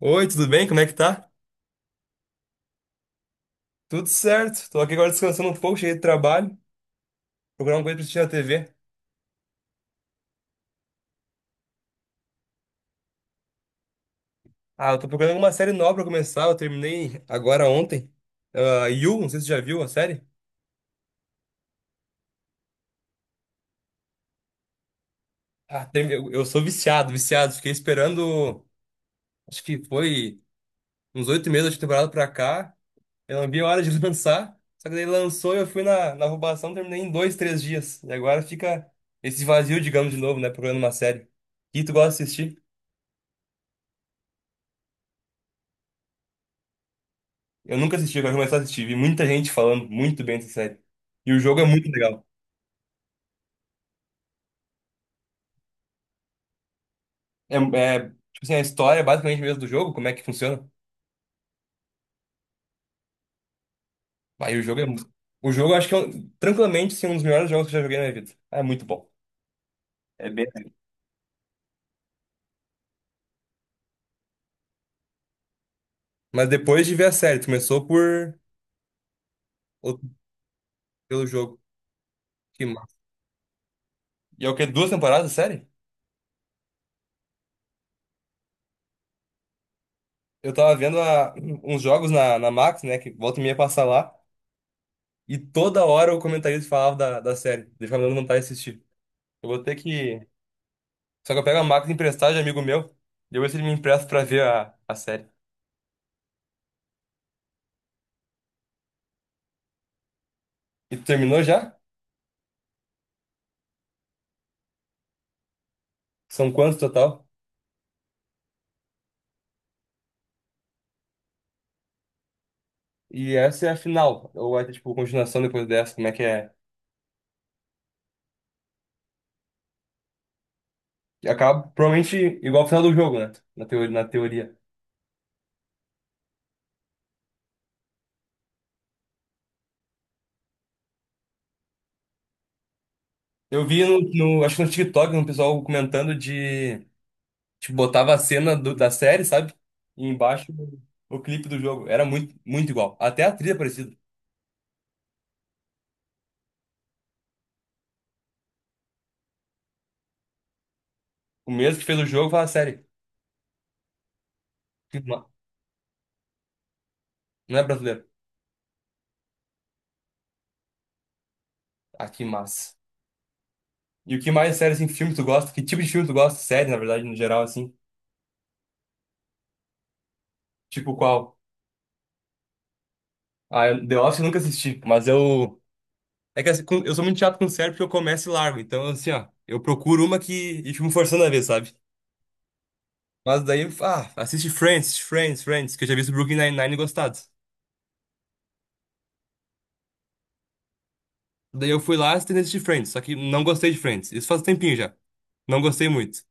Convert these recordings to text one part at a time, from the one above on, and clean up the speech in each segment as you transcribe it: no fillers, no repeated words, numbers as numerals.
Oi, tudo bem? Como é que tá? Tudo certo. Tô aqui agora descansando um pouco, cheguei do trabalho, procurar uma coisa pra assistir na TV. Ah, eu tô procurando uma série nova pra começar, eu terminei agora ontem. Ah, You, não sei se você já viu a série. Ah, eu sou viciado, viciado. Fiquei esperando, acho que foi uns 8 meses de temporada pra cá. Eu não vi a hora de lançar, só que daí lançou e eu fui na roubação, terminei em dois, três dias. E agora fica esse vazio, digamos, de novo, né? Procurando uma série. E tu gosta de assistir? Eu nunca assisti, eu quero começar a assistir. Vi muita gente falando muito bem dessa série. E o jogo é muito legal. É, é, tipo assim, a história é basicamente mesmo do jogo, como é que funciona. Aí o jogo é. O jogo eu acho que é tranquilamente assim, um dos melhores jogos que eu já joguei na minha vida. Ah, é muito bom. É bem. Mas depois de ver a série, tu começou por o- pelo jogo. Que massa. E é o quê? Duas temporadas, série? Eu tava vendo uns jogos na, Max, né? Que volta e meia passar lá. E toda hora o comentarista falava da série. Deixa eu dando vontade de assistir. Eu vou ter que. Só que eu pego a máquina emprestada de amigo meu. Depois ele me empresta pra ver a série. E tu terminou já? São quantos total? E essa é a final. Ou vai ter, tipo, continuação depois dessa? Como é que é? E acaba provavelmente igual o final do jogo, né? Na teoria, na teoria. Eu vi acho que no TikTok, um pessoal comentando de, tipo, botava a cena da série, sabe? E embaixo o clipe do jogo. Era muito, muito igual. Até a trilha é parecida. O mesmo que fez o jogo faz a série. Que ma- Não é brasileiro. Ah, que massa. E o que mais séries em filme tu gosta? Que tipo de filme tu gosta? Série, na verdade, no geral, assim. Tipo qual? Ah, The Office eu nunca assisti, mas eu. É que assim, eu sou muito chato com série porque eu começo e largo. Então, assim, ó, eu procuro uma que. E fico me forçando a ver, sabe? Mas daí, ah, assiste Friends, Friends, Friends, que eu já vi o Brooklyn Nine-Nine e gostado. Daí eu fui lá e tentei assistir Friends, só que não gostei de Friends. Isso faz um tempinho já. Não gostei muito.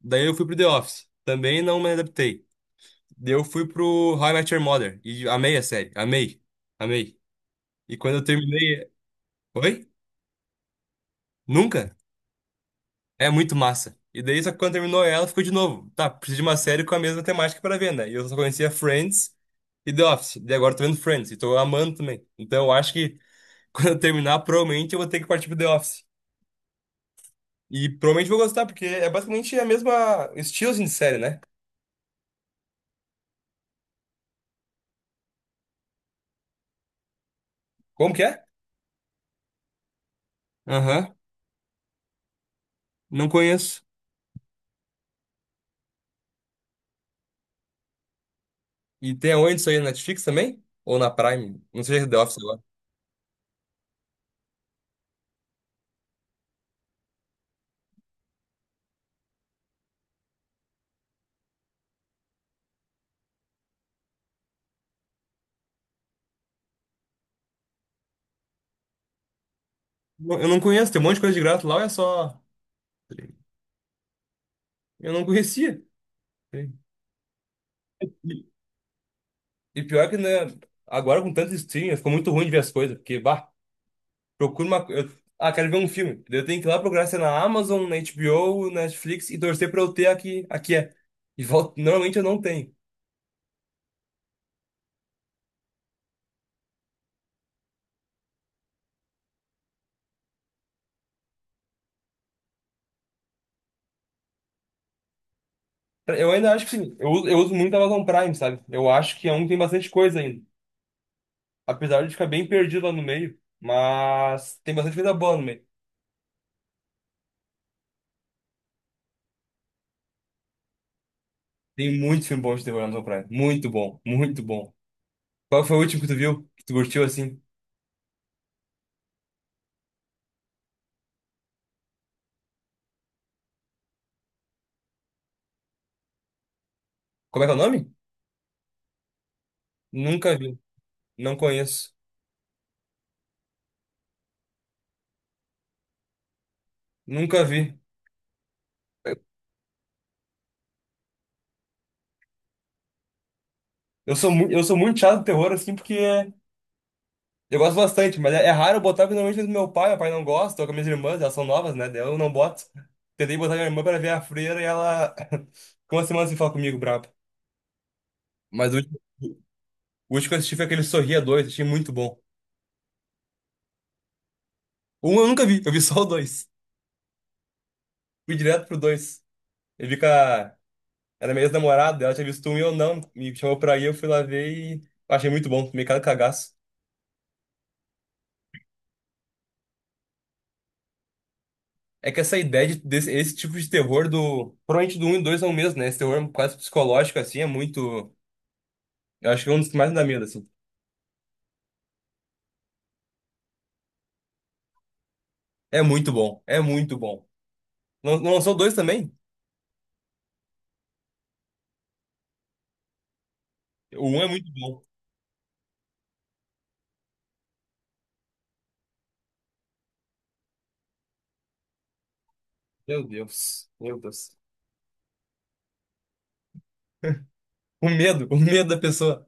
Daí eu fui pro The Office. Também não me adaptei. Daí eu fui pro How I Met Your Mother. E amei a série. Amei. Amei. E quando eu terminei. Oi? Nunca? É muito massa. E daí, só que quando terminou ela, ficou de novo. Tá, preciso de uma série com a mesma temática pra ver, né? E eu só conhecia Friends e The Office. E agora eu tô vendo Friends e tô amando também. Então eu acho que quando eu terminar, provavelmente eu vou ter que partir pro The Office. E provavelmente vou gostar, porque é basicamente a mesma estilo assim, de série, né? Como que é? Aham, não conheço. E tem aonde isso aí? Na Netflix também? Ou na Prime? Não sei se é The Office agora. Eu não conheço, tem um monte de coisa de grato lá, ou é só. Eu não conhecia. E E pior que, né, agora com tanto streaming, ficou muito ruim de ver as coisas, porque, bah, procura uma. Eu, ah, quero ver um filme. Daí eu tenho que ir lá procurar se é na Amazon, na HBO, na Netflix e torcer pra eu ter aqui, aqui é. E volta, normalmente eu não tenho. Eu ainda acho que sim, eu uso muito a Amazon Prime, sabe? Eu acho que é um que tem bastante coisa ainda. Apesar de ficar bem perdido lá no meio, mas tem bastante coisa boa no meio. Tem muito filme bom de terror na Amazon Prime. Muito bom, muito bom. Qual foi o último que tu viu? Que tu curtiu assim? Como é que é o nome? Nunca vi, não conheço. Nunca vi. Eu sou muito chato de terror, assim, porque eu gosto bastante, mas é raro eu botar, porque normalmente é do meu pai não gosta, ou com as minhas irmãs, elas são novas, né? Daí eu não boto. Tentei botar minha irmã pra ver a freira e ela ficou uma semana sem falar comigo, brabo. Mas o último que eu assisti foi aquele Sorria dois, achei muito bom. Um eu nunca vi, eu vi só o dois. Fui direto pro dois. Eu vi com a... Era minha ex-namorada, ela tinha visto um e eu não, me chamou pra ir, eu fui lá ver e achei muito bom, tomei cada cagaço. É que essa ideia de, desse, esse tipo de terror do. Provavelmente do um e 2 é o mesmo, né? Esse terror quase psicológico, assim, é muito. Eu acho que é um dos que mais me dá medo, assim. É muito bom. É muito bom. Não lançou dois também? O um é muito bom. Meu Deus. Meu Deus. O medo da pessoa.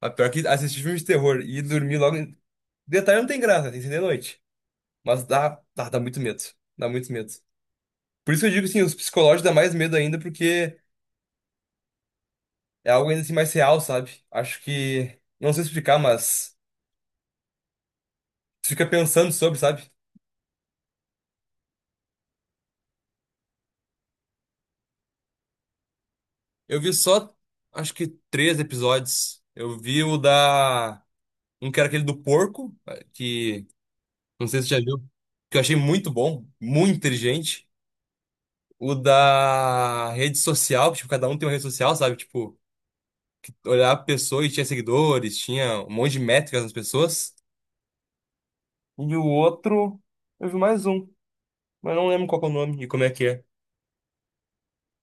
A pior que assistir filme de terror e dormir logo. Detalhe não tem graça, tem que ser de noite. Mas dá, dá, dá muito medo. Dá muito medo. Por isso que eu digo assim, os psicológicos dá mais medo ainda, porque é algo ainda assim mais real, sabe? Acho que. Não sei explicar, mas. Você fica pensando sobre, sabe? Eu vi só, acho que três episódios. Eu vi o da. Um que era aquele do porco, que. Não sei se você já viu. Que eu achei muito bom, muito inteligente. O da rede social, que, tipo, cada um tem uma rede social, sabe? Tipo, olhar a pessoa e tinha seguidores, tinha um monte de métricas nas pessoas. E o outro. Eu vi mais um, mas não lembro qual que é o nome e como é que é.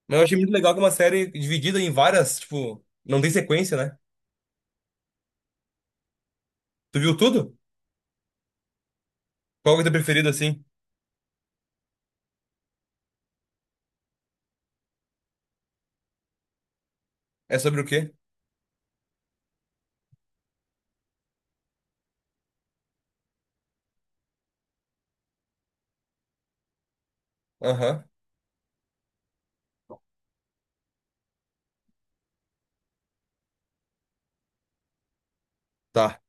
Mas eu achei muito legal que é uma série dividida em várias, tipo, não tem sequência, né? Tu viu tudo? Qual que é o teu preferido, assim? É sobre o quê? Aham. Tá.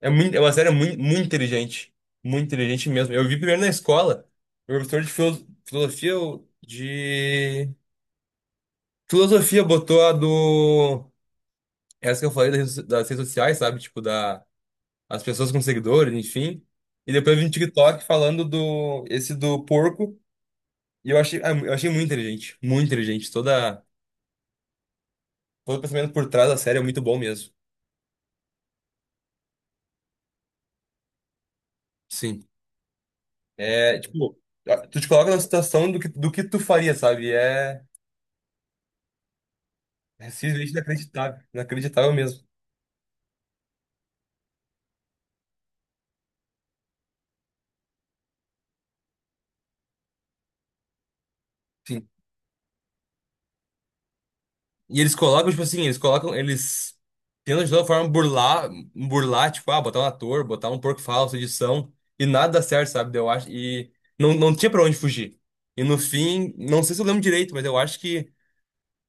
É, muito, é uma série muito, muito inteligente. Muito inteligente mesmo. Eu vi primeiro na escola. O professor de filosofia ou de. Filosofia botou a do. Essa que eu falei das redes sociais, sabe? Tipo, da... as pessoas com seguidores, enfim. E depois eu vi no TikTok falando do. Esse do porco. E eu achei, ah, eu achei muito inteligente. Muito inteligente. Toda... Todo o pensamento por trás da série é muito bom mesmo. Sim. É, tipo, tu te coloca na situação do que tu faria, sabe? É, simplesmente inacreditável, inacreditável mesmo. Sim. E eles colocam, tipo assim, eles colocam, eles tentam de toda forma burlar, burlar, tipo, ah, botar um ator, botar um porco falso, edição, e nada dá certo, sabe? Eu acho, e não tinha pra onde fugir. E no fim, não sei se eu lembro direito, mas eu acho que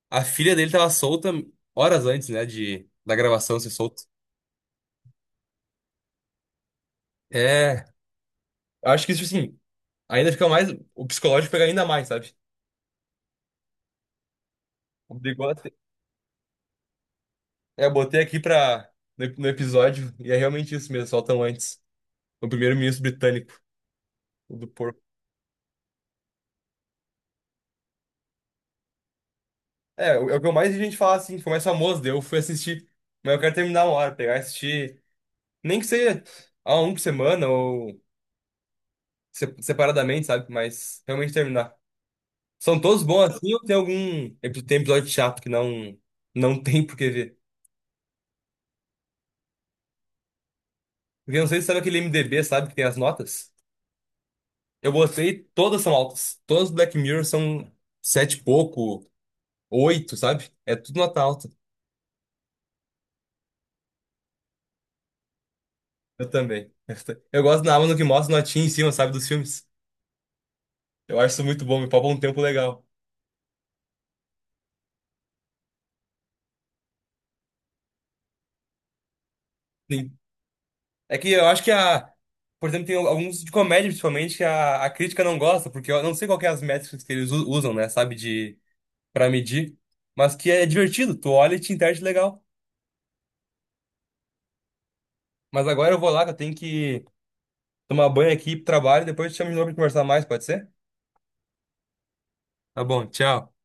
a filha dele tava solta horas antes, né, da gravação ser solta. É, eu acho que isso, assim, ainda fica mais, o psicológico pega ainda mais, sabe? O bigode. É, eu botei aqui pra, no episódio, e é realmente isso mesmo, soltam antes. O primeiro-ministro britânico, o do porco. É, é o que eu mais vi gente falar assim, foi mais famoso, daí eu fui assistir. Mas eu quero terminar uma hora, pegar e assistir. Nem que seja a um por semana ou separadamente, sabe? Mas realmente terminar. São todos bons assim ou tem algum. Tem episódio chato que não tem por que ver? Porque eu não sei se sabe aquele MDB, sabe, que tem as notas? Eu botei, todas são altas. Todas do Black Mirror são 7 e pouco. 8, sabe? É tudo nota alta. Eu também. Eu gosto na Amazon que mostra notinha em cima, sabe, dos filmes. Eu acho isso muito bom, me poupa um tempo legal. Sim. É que eu acho que a. Por exemplo, tem alguns de comédia, principalmente, que a, crítica não gosta, porque eu não sei qual que é as métricas que eles usam, né, sabe, de pra medir. Mas que é divertido, tu olha e te interage legal. Mas agora eu vou lá, que eu tenho que tomar banho aqui pro trabalho, depois eu te chamo de novo pra conversar mais, pode ser? Tá bom, tchau.